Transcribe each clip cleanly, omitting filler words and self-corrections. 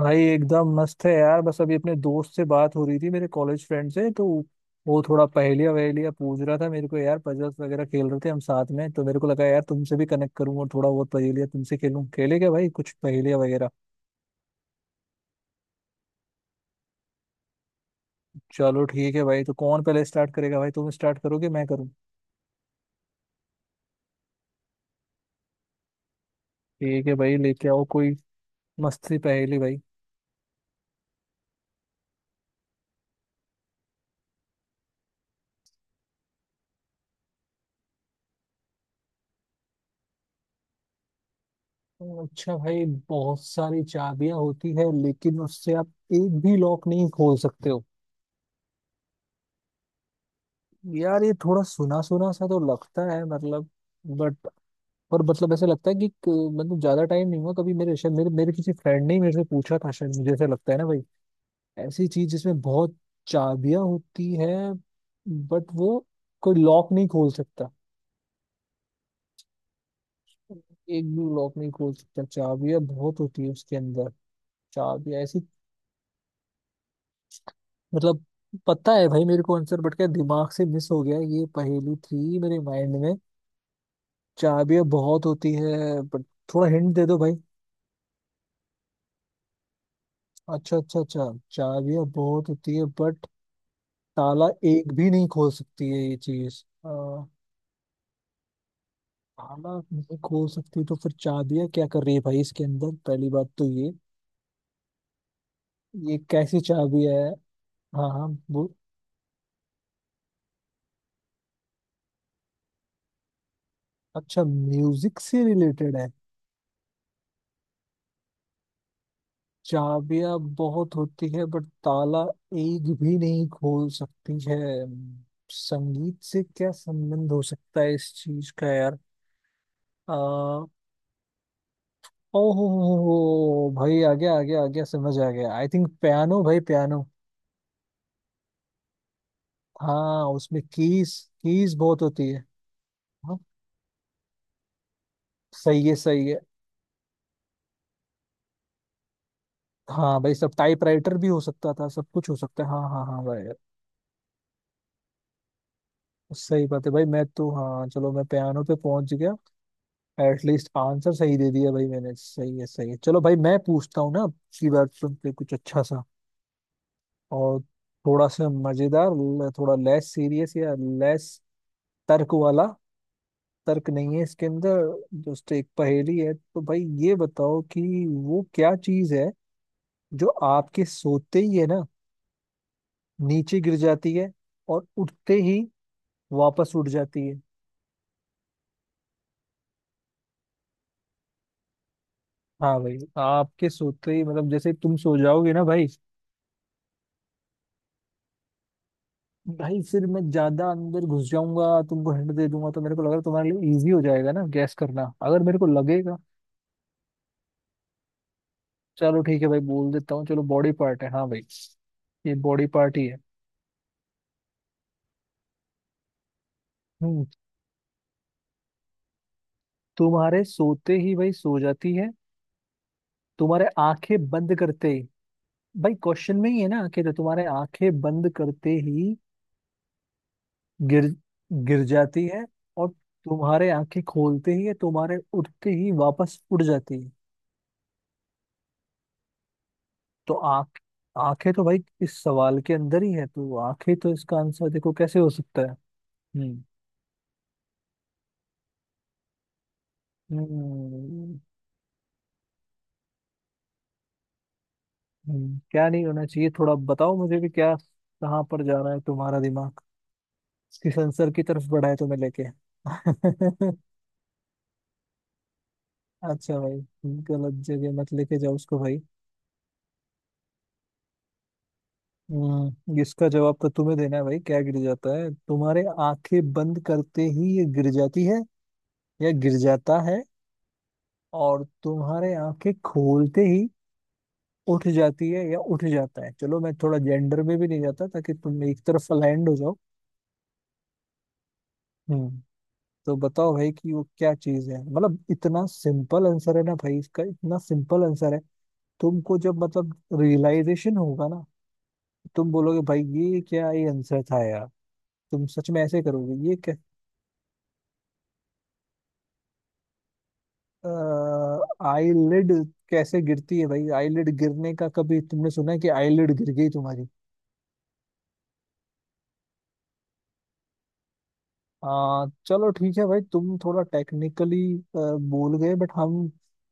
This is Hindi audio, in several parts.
भाई एकदम मस्त है यार। बस अभी अपने दोस्त से बात हो रही थी, मेरे कॉलेज फ्रेंड से। तो वो थोड़ा पहेलियाँ वहेलियाँ पूछ रहा था मेरे को यार, पजल्स वगैरह खेल रहे थे हम साथ में। तो मेरे को लगा यार तुमसे भी कनेक्ट करूँ और थोड़ा बहुत पहेलियाँ तुमसे खेलूं। खेले क्या भाई कुछ पहेलियाँ वगैरह। चलो ठीक है भाई। तो कौन पहले स्टार्ट करेगा भाई, तुम स्टार्ट करोगे मैं करूँ। ठीक है भाई, लेके आओ कोई मस्त सी पहेली भाई। अच्छा भाई, बहुत सारी चाबियां होती है लेकिन उससे आप एक भी लॉक नहीं खोल सकते हो। यार ये थोड़ा सुना सुना सा तो लगता है मतलब, बट, और मतलब ऐसे लगता है कि मतलब ज्यादा टाइम नहीं हुआ कभी मेरे, शायद मेरे मेरे किसी फ्रेंड ने ही मेरे से पूछा था शायद, मुझे ऐसा लगता है ना भाई। ऐसी चीज जिसमें बहुत चाबियां होती है, बट वो कोई लॉक नहीं खोल सकता। एक भी लॉक नहीं खोल सकता, चाबियां बहुत होती है उसके अंदर। चाबियां ऐसी, मतलब पता है भाई मेरे को आंसर, बट क्या दिमाग से मिस हो गया। ये पहेली थी मेरे माइंड में। चाबियां बहुत होती है बट। थोड़ा हिंट दे दो भाई। अच्छा अच्छा अच्छा। चाबियां बहुत होती है बट ताला एक भी नहीं खोल सकती है ये चीज। ताला नहीं खोल सकती, तो फिर चाबियां क्या कर रही है भाई इसके अंदर, पहली बात तो ये। ये कैसी चाबी है। हाँ हाँ वो। अच्छा म्यूजिक से रिलेटेड है। चाबियां बहुत होती है बट ताला एक भी नहीं खोल सकती है। संगीत से क्या संबंध हो सकता है इस चीज का यार। आ, ओहो भाई आ गया आ गया आ गया, समझ आ गया। आई थिंक पियानो भाई, पियानो। हाँ उसमें कीज, कीज बहुत होती है। हाँ सही है सही है। हाँ भाई सब, टाइपराइटर भी हो सकता था, सब कुछ हो सकता है, हाँ हाँ हाँ भाई। सही बात है भाई। मैं तो हाँ चलो मैं पियानो पे पहुंच गया, एटलीस्ट आंसर सही दे दिया भाई मैंने। सही है सही है। चलो भाई मैं पूछता हूँ ना, इसकी बात सुन के कुछ अच्छा सा और थोड़ा सा मजेदार, थोड़ा लेस सीरियस या लेस तर्क वाला। तर्क नहीं है इसके अंदर, जस्ट एक पहेली है। तो भाई ये बताओ कि वो क्या चीज है जो आपके सोते ही है ना, नीचे गिर जाती है, और उठते ही वापस उठ जाती है। हाँ भाई आपके सोते ही, मतलब जैसे तुम सो जाओगे ना भाई। भाई फिर मैं ज्यादा अंदर घुस जाऊंगा, तुमको हिंट दे दूंगा तो मेरे को लग रहा है तुम्हारे लिए इजी हो जाएगा ना गैस करना, अगर मेरे को लगेगा। चलो ठीक है भाई बोल देता हूँ, चलो बॉडी पार्ट है, हाँ भाई ये बॉडी पार्ट ही है। हम्म। तुम्हारे सोते ही भाई सो जाती है, तुम्हारे आंखें बंद करते ही। भाई क्वेश्चन में ही है ना कि तो तुम्हारे आंखें बंद करते ही गिर गिर जाती है, और तुम्हारे आंखें खोलते ही या तुम्हारे उठते ही वापस उड़ जाती है। तो आंख, आंखें तो भाई इस सवाल के अंदर ही है, तो आंखें तो इसका आंसर देखो कैसे हो सकता है। हम्म। हम्म। क्या नहीं होना चाहिए, थोड़ा बताओ मुझे भी, क्या कहाँ पर जा रहा है तुम्हारा दिमाग, किस आंसर की तरफ बढ़ा है तुम्हें लेके। अच्छा भाई, गलत जगह मत लेके जाओ उसको भाई। हम्म। इसका जवाब तो तुम्हें देना है भाई, क्या गिर जाता है। तुम्हारे आंखें बंद करते ही ये गिर जाती है या गिर जाता है, और तुम्हारे आंखें खोलते ही उठ जाती है या उठ जाता है। चलो मैं थोड़ा जेंडर में भी नहीं जाता ताकि तुम एक तरफ लैंड हो जाओ। हम्म। तो बताओ भाई कि वो क्या चीज है, मतलब इतना सिंपल आंसर है ना भाई, इसका इतना सिंपल आंसर है। तुमको जब मतलब रियलाइजेशन होगा ना, तुम बोलोगे भाई ये क्या, ये आंसर था यार। तुम सच में ऐसे करोगे ये आईलिड। कैसे गिरती है भाई आईलिड, गिरने का कभी तुमने सुना है कि आईलिड गिर गई तुम्हारी। चलो ठीक है भाई तुम थोड़ा टेक्निकली बोल गए, बट हम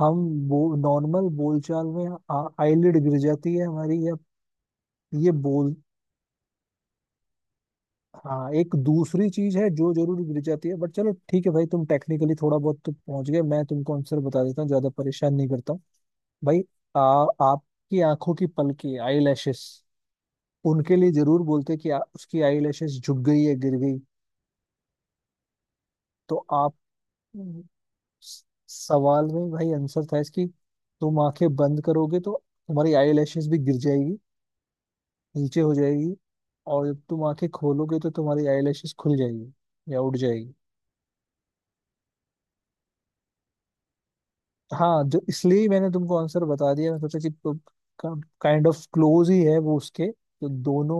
हम बो, नॉर्मल बोलचाल में आईलिड गिर जाती है हमारी, या ये बोलते। हाँ एक दूसरी चीज है जो जरूर गिर जाती है, बट चलो ठीक है भाई तुम टेक्निकली थोड़ा बहुत तो पहुंच गए, मैं तुमको आंसर बता देता हूँ, ज्यादा परेशान नहीं करता हूँ भाई। आपकी आंखों की पलके, आई लैशेस, उनके लिए जरूर बोलते कि उसकी आई लैशेस झुक गई है, गिर गई। तो आप सवाल में भाई आंसर था इसकी। तुम आंखें बंद करोगे तो तुम्हारी आई लैशेस भी गिर जाएगी, नीचे हो जाएगी, और जब तुम आंखें खोलोगे तो तुम्हारी आई लैशेस खुल जाएगी या उड़ जाएगी। हाँ, जो इसलिए ही मैंने तुमको आंसर बता दिया। मैं सोचा कि काइंड ऑफ क्लोज ही है वो, उसके तो दोनों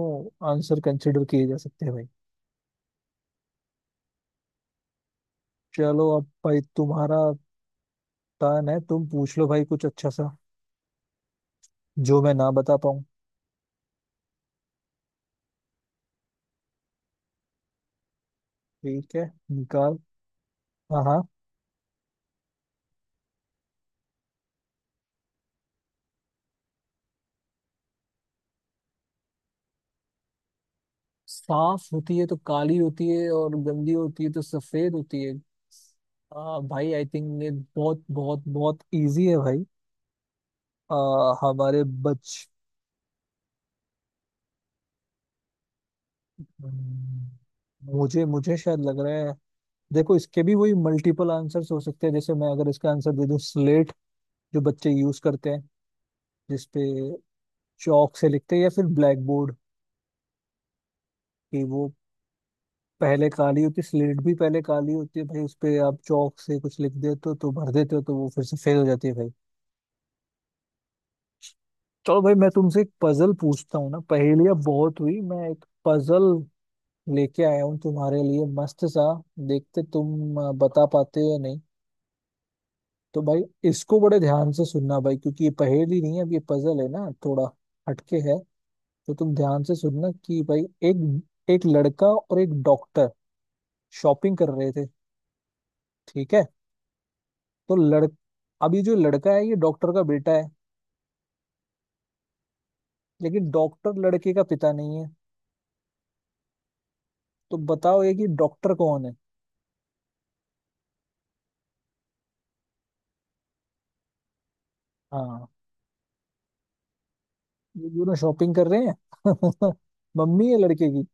आंसर कंसिडर किए जा सकते हैं भाई। चलो अब भाई तुम्हारा टर्न है, तुम पूछ लो भाई कुछ अच्छा सा जो मैं ना बता पाऊँ। ठीक है, निकाल। हाँ हाँ। साफ होती है तो काली होती है, और गंदी होती है तो सफेद होती है। भाई आई थिंक ये बहुत बहुत बहुत इजी है भाई। आ, हमारे बच हम्म, मुझे मुझे शायद लग रहा है। देखो इसके भी वही मल्टीपल आंसर्स हो सकते हैं। जैसे मैं अगर इसका आंसर दे दूं स्लेट, जो बच्चे यूज करते हैं, जिसपे चौक से लिखते हैं, या फिर ब्लैक बोर्ड। कि वो पहले काली होती है, स्लेट भी पहले काली होती है भाई, उस पे आप चौक से कुछ लिख देते हो तो भर देते हो, तो वो फिर से फेल हो जाती है भाई। चलो भाई मैं तुमसे एक पजल पूछता हूँ ना, पहेलियां बहुत हुई, मैं एक पजल लेके आया हूँ तुम्हारे लिए मस्त सा। देखते तुम बता पाते हो या नहीं। तो भाई इसको बड़े ध्यान से सुनना भाई, क्योंकि ये पहेली नहीं है अब, ये पजल है ना, थोड़ा हटके है। तो तुम ध्यान से सुनना कि भाई, एक एक लड़का और एक डॉक्टर शॉपिंग कर रहे थे। ठीक है। तो लड़ अभी जो लड़का है ये डॉक्टर का बेटा है, लेकिन डॉक्टर लड़के का पिता नहीं है। तो बताओ ये कि डॉक्टर कौन है। हाँ। ये दोनों शॉपिंग कर रहे हैं। मम्मी है लड़के की।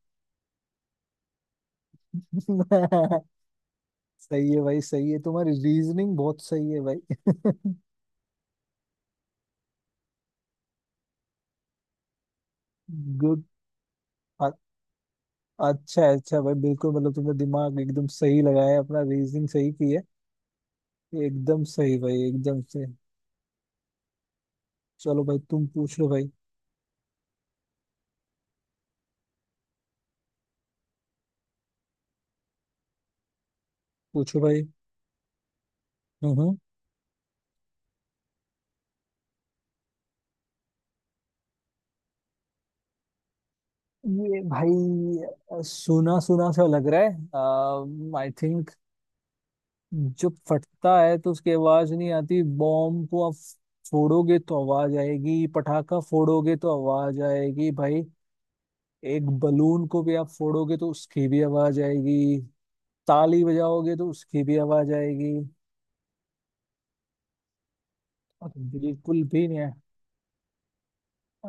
सही है भाई सही है, तुम्हारी रीजनिंग बहुत सही है भाई। गुड। अच्छा है भाई, बिल्कुल, मतलब तुमने दिमाग एकदम सही लगाया है, अपना रीजनिंग सही की है। एकदम सही भाई एकदम से। चलो भाई तुम पूछ लो भाई। पूछो भाई। हम्म। हम्म। ये भाई सुना सुना सा लग रहा है। आई थिंक जब फटता है तो उसकी आवाज नहीं आती, बॉम्ब को आप फोड़ोगे तो आवाज आएगी, पटाखा फोड़ोगे तो आवाज आएगी भाई, एक बलून को भी आप फोड़ोगे तो उसकी भी आवाज आएगी, ताली बजाओगे तो उसकी भी आवाज आएगी। हाँ, तो बिल्कुल भी नहीं है। आ,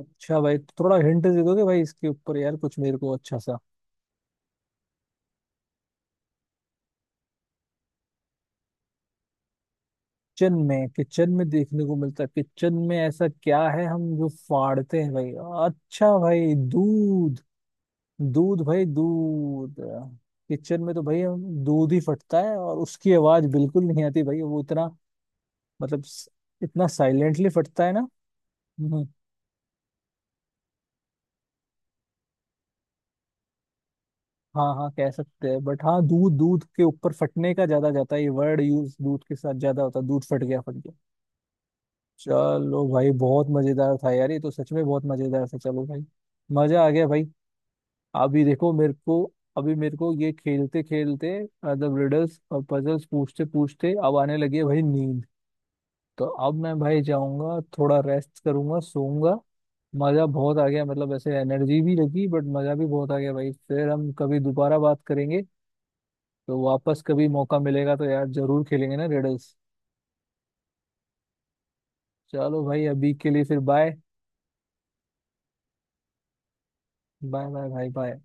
अच्छा भाई तो थोड़ा हिंट दे दोगे भाई इसके ऊपर यार, कुछ मेरे को अच्छा सा। किचन में, किचन में देखने को मिलता है, किचन में ऐसा क्या है हम जो फाड़ते हैं भाई। अच्छा भाई दूध, दूध भाई दूध। किचन में तो भाई हम दूध ही फटता है, और उसकी आवाज बिल्कुल नहीं आती भाई, वो इतना, मतलब स- इतना साइलेंटली फटता है ना। हम्म। हाँ हाँ कह सकते हैं, बट हाँ दूध, दूध के ऊपर फटने का ज्यादा जाता है, ये वर्ड यूज दूध के साथ ज्यादा होता है, दूध फट गया, फट गया। चलो भाई बहुत मजेदार था यार, ये तो सच में बहुत मजेदार था। चलो भाई मजा आ गया भाई। अभी देखो मेरे को, अभी मेरे को ये खेलते खेलते, मतलब रिडल्स और पजल्स पूछते पूछते, अब आने लगी है भाई नींद। तो अब मैं भाई जाऊंगा, थोड़ा रेस्ट करूंगा, सोऊंगा। मजा बहुत आ गया, मतलब ऐसे एनर्जी भी लगी बट मजा भी बहुत आ गया भाई। फिर हम कभी दोबारा बात करेंगे, तो वापस कभी मौका मिलेगा तो यार जरूर खेलेंगे ना रिडल्स। चलो भाई अभी के लिए फिर बाय। बाय बाय भाई, बाय।